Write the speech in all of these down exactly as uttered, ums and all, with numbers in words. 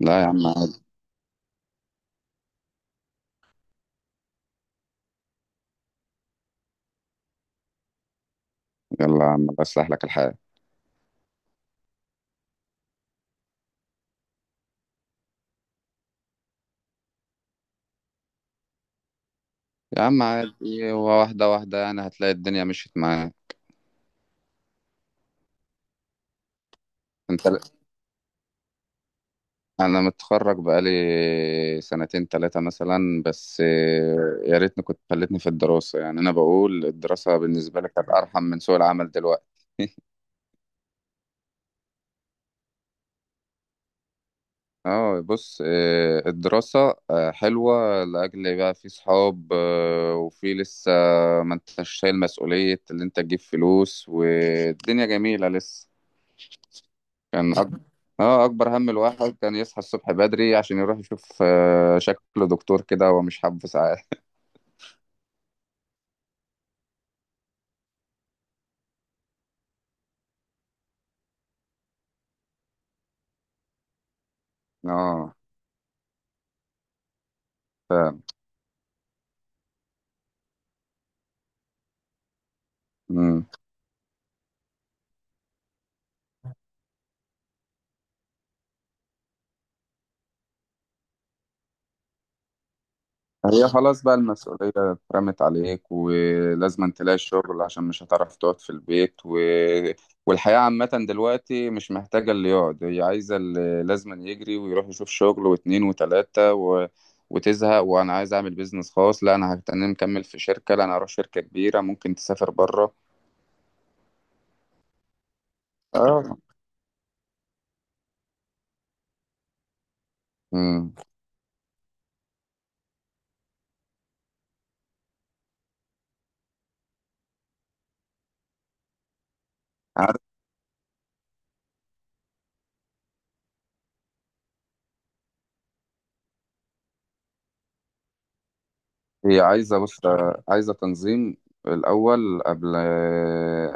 لا يا عم عادي. يلا يا عم الله يصلح لك الحال. يا عم عادي، هو واحدة واحدة يعني هتلاقي الدنيا مشيت معايا. انت انا متخرج بقالي سنتين تلاتة مثلا بس. يا ريتني كنت خلتني في الدراسة، يعني انا بقول الدراسة بالنسبة لك كانت ارحم من سوق العمل دلوقتي. اه، بص، آه، الدراسة آه، حلوة لأجل بقى في صحاب، آه، وفي لسه ما انتش شايل مسؤولية اللي انت تجيب فلوس والدنيا جميلة لسه. كان أك... اه اكبر هم الواحد كان يصحى الصبح بدري عشان يروح يشوف آه، شكل دكتور كده هو مش حابه ساعات. اه، فعلا. مم. هي خلاص بقى المسؤولية اترمت عليك ولازم تلاقي شغل عشان مش هتعرف تقعد في البيت و... والحياة عامة دلوقتي مش محتاجة اللي يقعد، هي عايزة اللي لازم يجري ويروح يشوف شغل واتنين وتلاتة و... وتزهق، وانا عايز اعمل بيزنس خاص، لا انا هتنم مكمل في شركة، لا انا هروح شركة كبيرة ممكن تسافر بره. اه. مم. عارف. هي عايزة بص، عايزة تنظيم الأول، قبل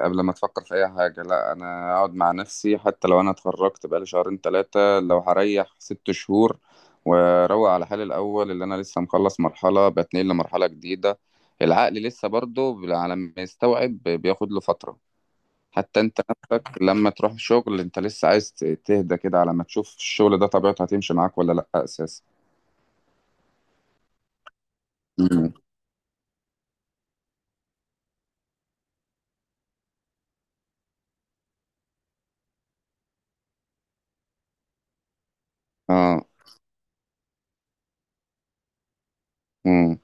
قبل ما تفكر في أي حاجة، لا أنا أقعد مع نفسي حتى لو أنا اتخرجت بقالي شهرين تلاتة، لو هريح ست شهور وأروق على حالي الأول، اللي أنا لسه مخلص مرحلة بتنقل لمرحلة جديدة. العقل لسه برضه على ما يستوعب بياخد له فترة. حتى أنت نفسك لما تروح شغل أنت لسه عايز تهدى كده على ما تشوف الشغل ده طبيعته هتمشي معاك ولا لأ أساسا. مم. اه. مم.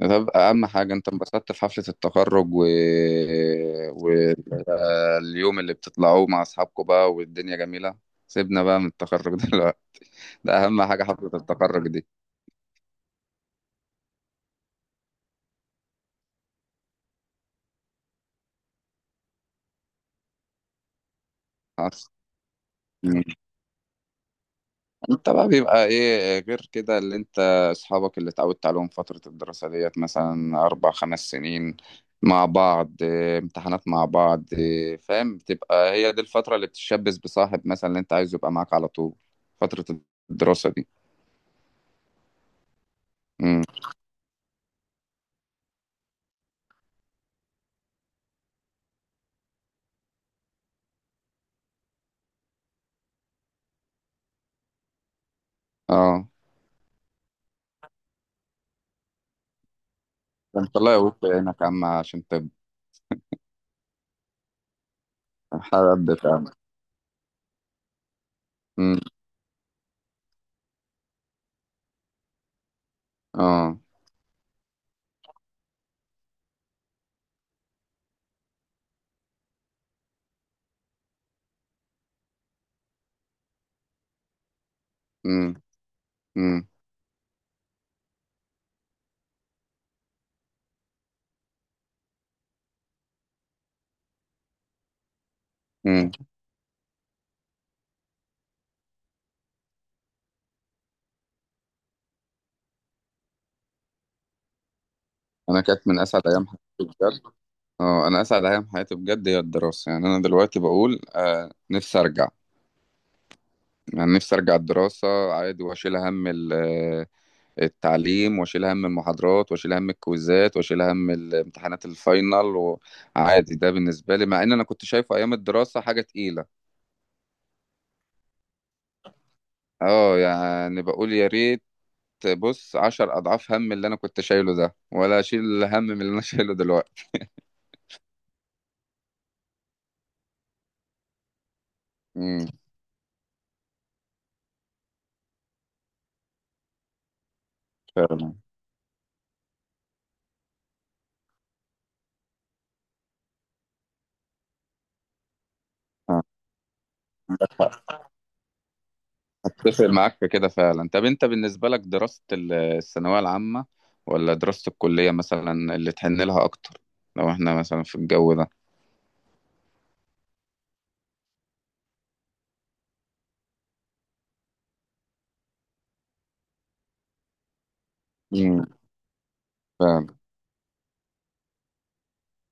طب اهم حاجه انت انبسطت في حفله التخرج و... واليوم اللي بتطلعوه مع اصحابكم بقى والدنيا جميله. سيبنا بقى من التخرج دلوقتي. ده اهم حاجه، حفله التخرج دي. حصل. مم. انت بقى بيبقى ايه غير كده، اللي انت اصحابك اللي اتعودت عليهم فتره الدراسه ديت مثلا اربع خمس سنين مع بعض إيه، امتحانات مع بعض إيه، فاهم، بتبقى هي دي الفتره اللي بتتشبث بصاحب مثلا اللي انت عايزه يبقى معاك على طول، فتره الدراسه دي. امم. اه. انت الله يقويك عينك يا عم عشان تبقى حد فاهم. امم. اه. امم. امم. امم. انا كانت من اسعد ايام حياتي بجد. اه، انا اسعد ايام حياتي بجد هي الدراسه، يعني انا دلوقتي بقول آه نفسي ارجع. يعني نفسي ارجع الدراسه عادي، واشيل هم ال- آه، التعليم واشيل هم المحاضرات واشيل هم الكويزات واشيل هم الامتحانات الفاينل، وعادي ده بالنسبه لي، مع ان انا كنت شايفه ايام الدراسه حاجه تقيله. اه، يعني بقول يا ريت، بص عشر أضعاف هم اللي أنا كنت شايله ده ولا أشيل هم من اللي أنا شايله دلوقتي. امم. فعلا. آه، أتفق معاك في كده فعلا. طب أنت بالنسبة لك دراسة ال- الثانوية العامة ولا دراسة الكلية مثلا اللي تحن لها أكتر، لو إحنا مثلا في الجو ده؟ امم. فعلا.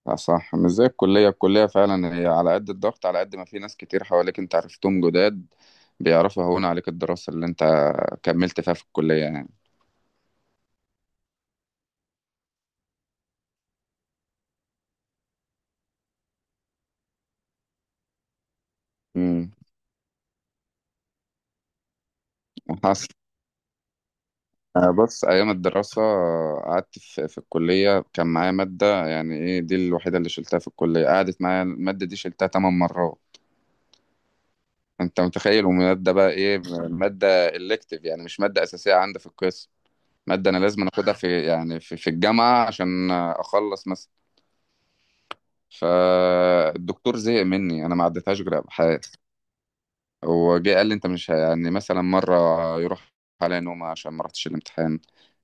آه، صح، مش زي الكلية. الكلية فعلا هي على قد الضغط، على قد ما في ناس كتير حواليك أنت عرفتهم جداد، بيعرفوا يهون عليك الدراسة اللي أنت كملت فيها في الكلية يعني. امم. حصل. أنا بص، أيام الدراسة قعدت في, في الكلية كان معايا مادة، يعني إيه دي الوحيدة اللي شلتها في الكلية، قعدت معايا المادة دي شلتها تمن مرات. أنت متخيل، ومادة بقى إيه؟ مادة إلكتيف، يعني مش مادة أساسية عندي في القسم. مادة أنا لازم أخدها في يعني في, في الجامعة عشان أخلص مثلا. فالدكتور زهق مني، أنا ما عدتهاش غير بحال. هو جه قال لي انت مش ه- يعني مثلا مره يروح عليا نومه عشان ما رحتش الامتحان،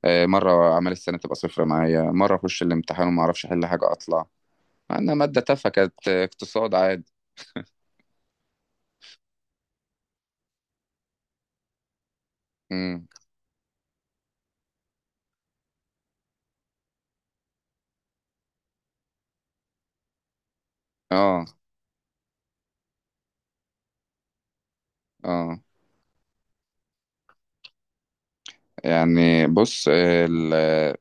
آه، مره اعمال السنه تبقى صفر معايا، مره اخش الامتحان وما اعرفش احل حاجه اطلع، مع انها ماده تافهه كانت آه، اقتصاد عادي. امم. اه. اه. يعني بص، آه، ال-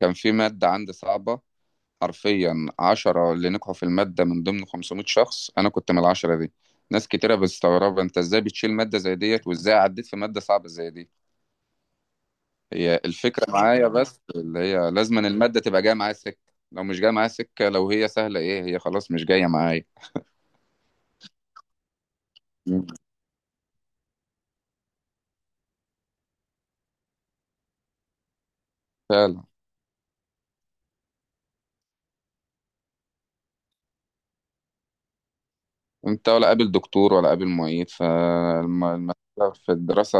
كان في ماده عندي صعبه. حرفيا عشرة اللي نجحوا في الماده من ضمن خمسمائة شخص، انا كنت من العشرة دي. ناس كتيرة بتستغرب انت ازاي بتشيل مادة زي ديت وازاي عديت في مادة صعبة زي دي. هي الفكرة معايا بس اللي هي لازم أن المادة تبقى جاية معايا سكة، لو مش جاية معايا سكة، لو هي سهلة ايه هي خلاص مش جاية معايا. مم. فعلا. انت ولا قابل دكتور ولا قابل معيد، فالمسألة في الدراسة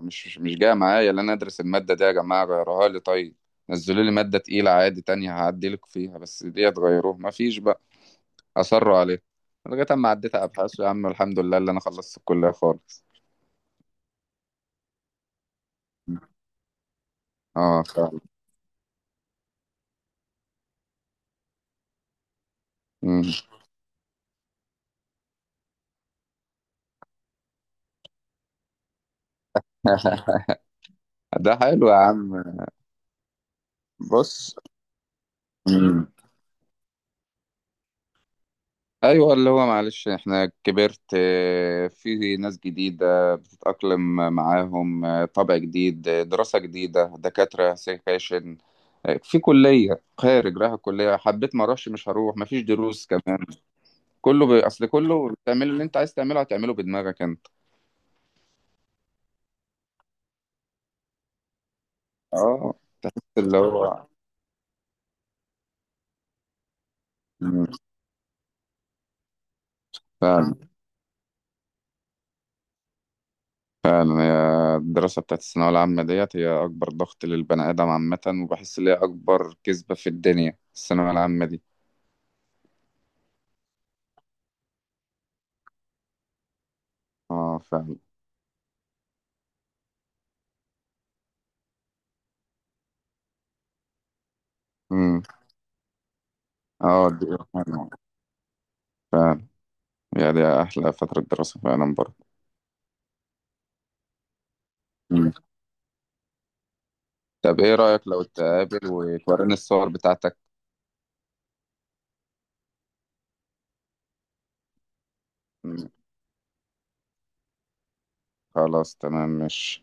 مش مش جاية معايا، اللي انا ادرس المادة دي، يا جماعة غيروها لي طيب، نزلوا لي مادة تقيلة عادي تانية هعدلك فيها، بس دي تغيروه مفيش بقى. أصروا عليه لغاية أما عديت أبحاث يا عم الحمد لله اللي أنا خلصت الكلية خالص. اه، فعلا. مم. ده حلو يا عم. بص. مم. ايوه، اللي هو معلش احنا كبرت، آه، في ناس جديده بتتاقلم معاهم، آه، طبع جديد، آه، دراسه جديده دكاتره سكاشن، آه، في كليه خارج رايح الكليه حبيت ما اروحش مش هروح مفيش دروس كمان. كله ب... اصل كله بتعمل اللي انت عايز تعمله، هتعمله بدماغك انت. اه، اللي هو. مم. فعلا. فعلا هي الدراسة بتاعت الثانوية العامة ديت هي أكبر ضغط للبني آدم عامة، وبحس إن هي أكبر كذبة في الدنيا الثانوية العامة دي. اه، فعلا. امم. اه. دي فعلا، فعلا. يعني دي أحلى فترة دراسة فعلا برضه. مم. طب إيه رأيك لو تقابل وتوريني الصور بتاعتك؟ مم. خلاص، تمام، ماشي.